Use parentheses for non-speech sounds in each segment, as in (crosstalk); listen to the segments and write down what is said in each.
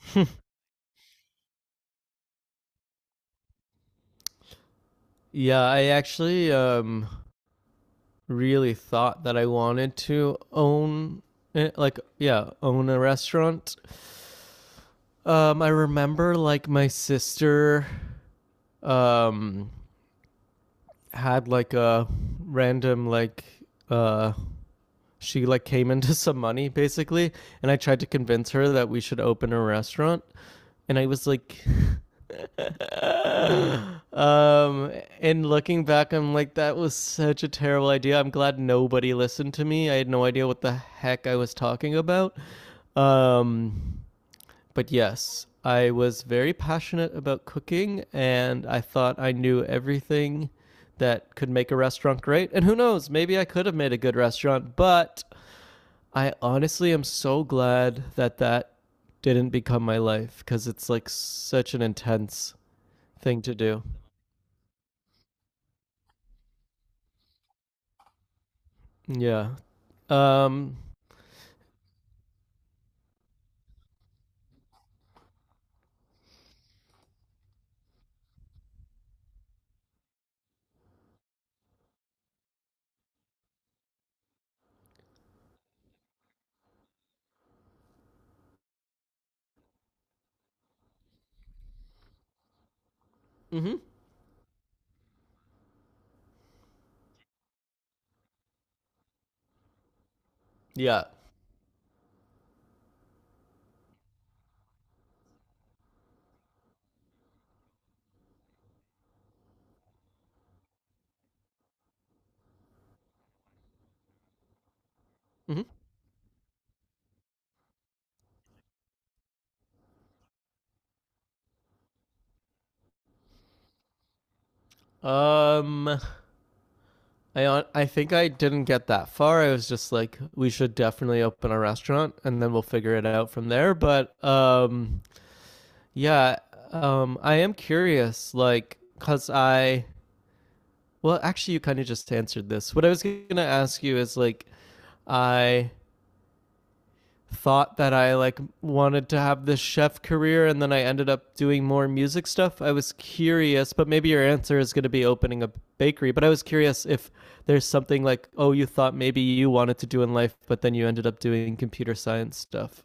(laughs) Yeah, I actually really thought that I wanted to own yeah, own a restaurant. I remember like my sister um had like a random like uh she like came into (laughs) some money basically, and I tried to convince her that we should open a restaurant, and I was like Um, and looking back, I'm like, that was such a terrible idea. I'm glad nobody listened to me. I had no idea what the heck I was talking about. Um, but yes, I was very passionate about cooking, and I thought I knew everything that could make a restaurant great. And who knows, maybe I could have made a good restaurant, but I honestly am so glad that didn't become my life because it's like such an intense thing to do. Yeah. Um. Hmm. Yeah. Hmm. Um. I think I didn't get that far. I was just like, we should definitely open a restaurant, and then we'll figure it out from there. But yeah. I am curious, like, cause I. Well, actually, you kind of just answered this. What I was gonna ask you is like, I thought that I like wanted to have this chef career, and then I ended up doing more music stuff. I was curious, but maybe your answer is going to be opening a bakery, but I was curious if there's something like, oh, you thought maybe you wanted to do in life, but then you ended up doing computer science stuff.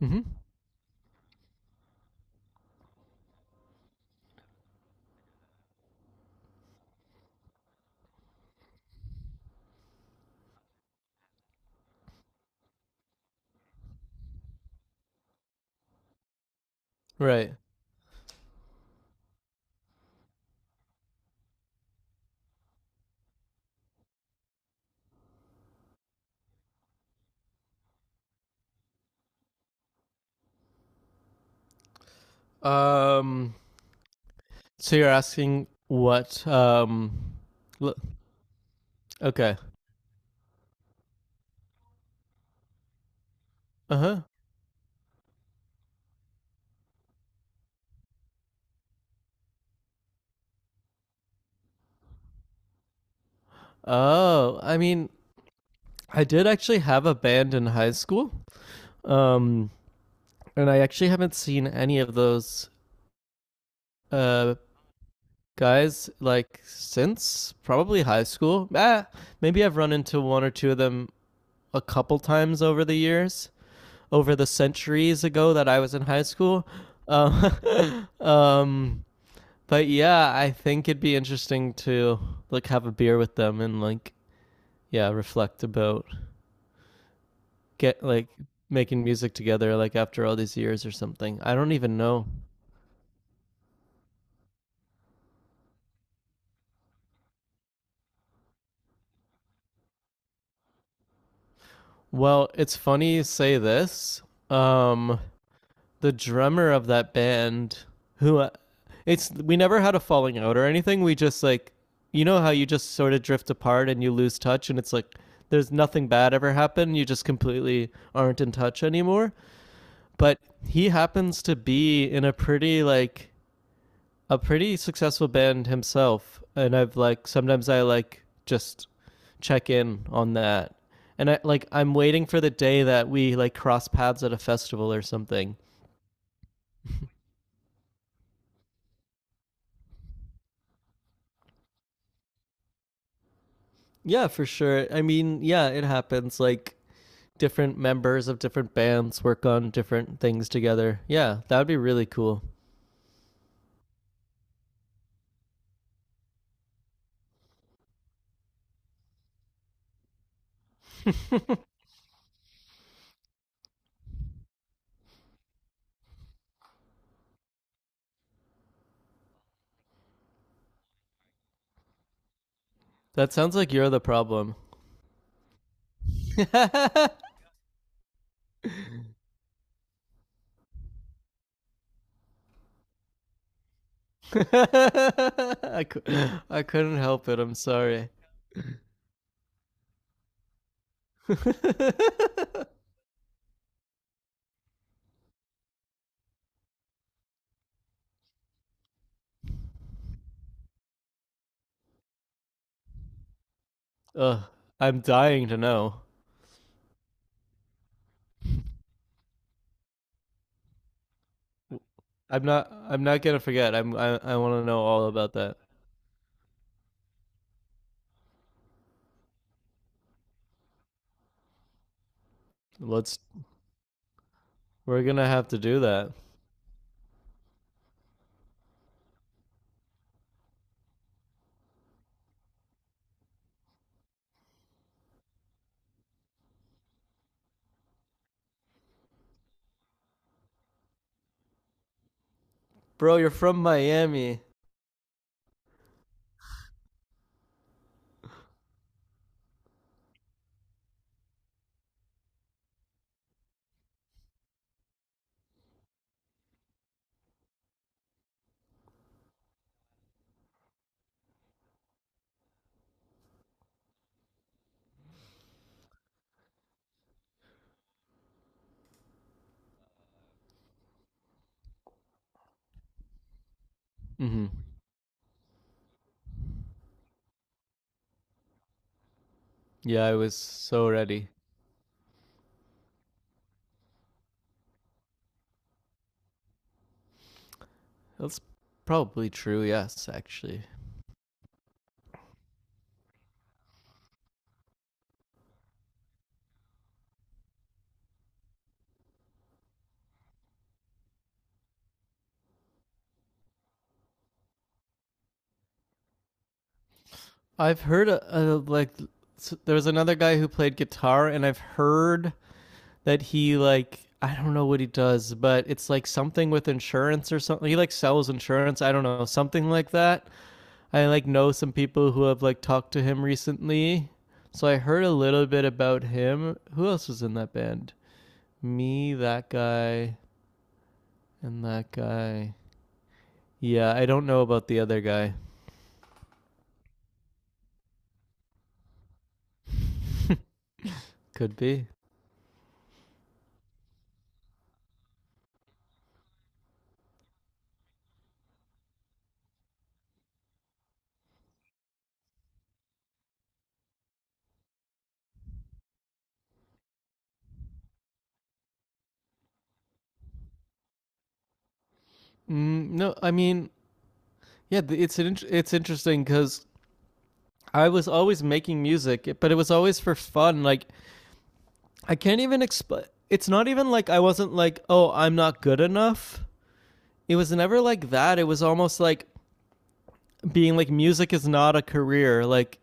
Mhm. Right. Um so you're asking what l- okay. Uh-huh. Oh, I mean, I did actually have a band in high school. Um and I actually haven't seen any of those uh, guys like since probably high school. Ah, maybe I've run into one or two of them a couple times over the years, over the centuries ago that I was in high school. Um, (laughs) um, but yeah, I think it'd be interesting to like have a beer with them and like yeah, reflect about get like making music together like after all these years or something. I don't even know. Well, it's funny you say this. Um, the drummer of that band, who it's we never had a falling out or anything. We just like, you know how you just sort of drift apart and you lose touch, and it's like there's nothing bad ever happened. You just completely aren't in touch anymore. But he happens to be in a pretty like a pretty successful band himself, and I've like sometimes I like just check in on that, and I'm waiting for the day that we like cross paths at a festival or something. Yeah, for sure. I mean, yeah, it happens. Like different members of different bands work on different things together. Yeah, that would be really cool. (laughs) That sounds like you're the problem. (laughs) I, I couldn't help it. I'm sorry. (laughs) Ugh, I'm dying to know. I'm not gonna forget. I'm. I. I want to know all about that. Let's. We're gonna have to do that, bro. You're from Miami. Mm-hmm. Yeah, I was so ready. That's probably true. Yes, actually, I've heard a there was another guy who played guitar, and I've heard that he like. I don't know what he does, but it's like something with insurance or something. He like sells insurance. I don't know, something like that. I like know some people who have like talked to him recently. So I heard a little bit about him. Who else was in that band? Me, that guy, and that guy. Yeah, I don't know about the other guy. (laughs) Could be. Mm, no, I mean, yeah, it's interesting because I was always making music, but it was always for fun. Like I can't even explain. It's not even like I wasn't like, oh, I'm not good enough. It was never like that. It was almost like being like, music is not a career. Like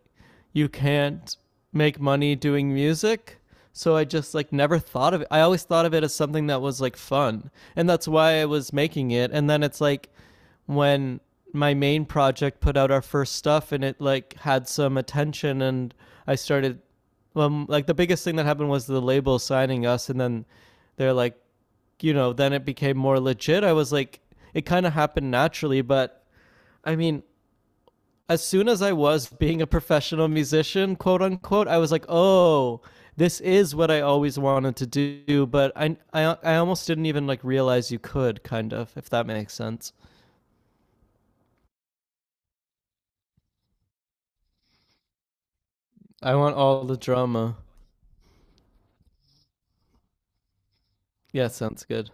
you can't make money doing music, so I just like never thought of it. I always thought of it as something that was like fun, and that's why I was making it. And then it's like when my main project put out our first stuff and it like had some attention, and I started well, like the biggest thing that happened was the label signing us, and then they're like, you know, then it became more legit. I was like, it kind of happened naturally. But i mean as soon as I was being a professional musician, quote unquote, I was like, oh, this is what I always wanted to do, but I almost didn't even like realize you could, kind of, if that makes sense. I want all the drama. Yeah, sounds good.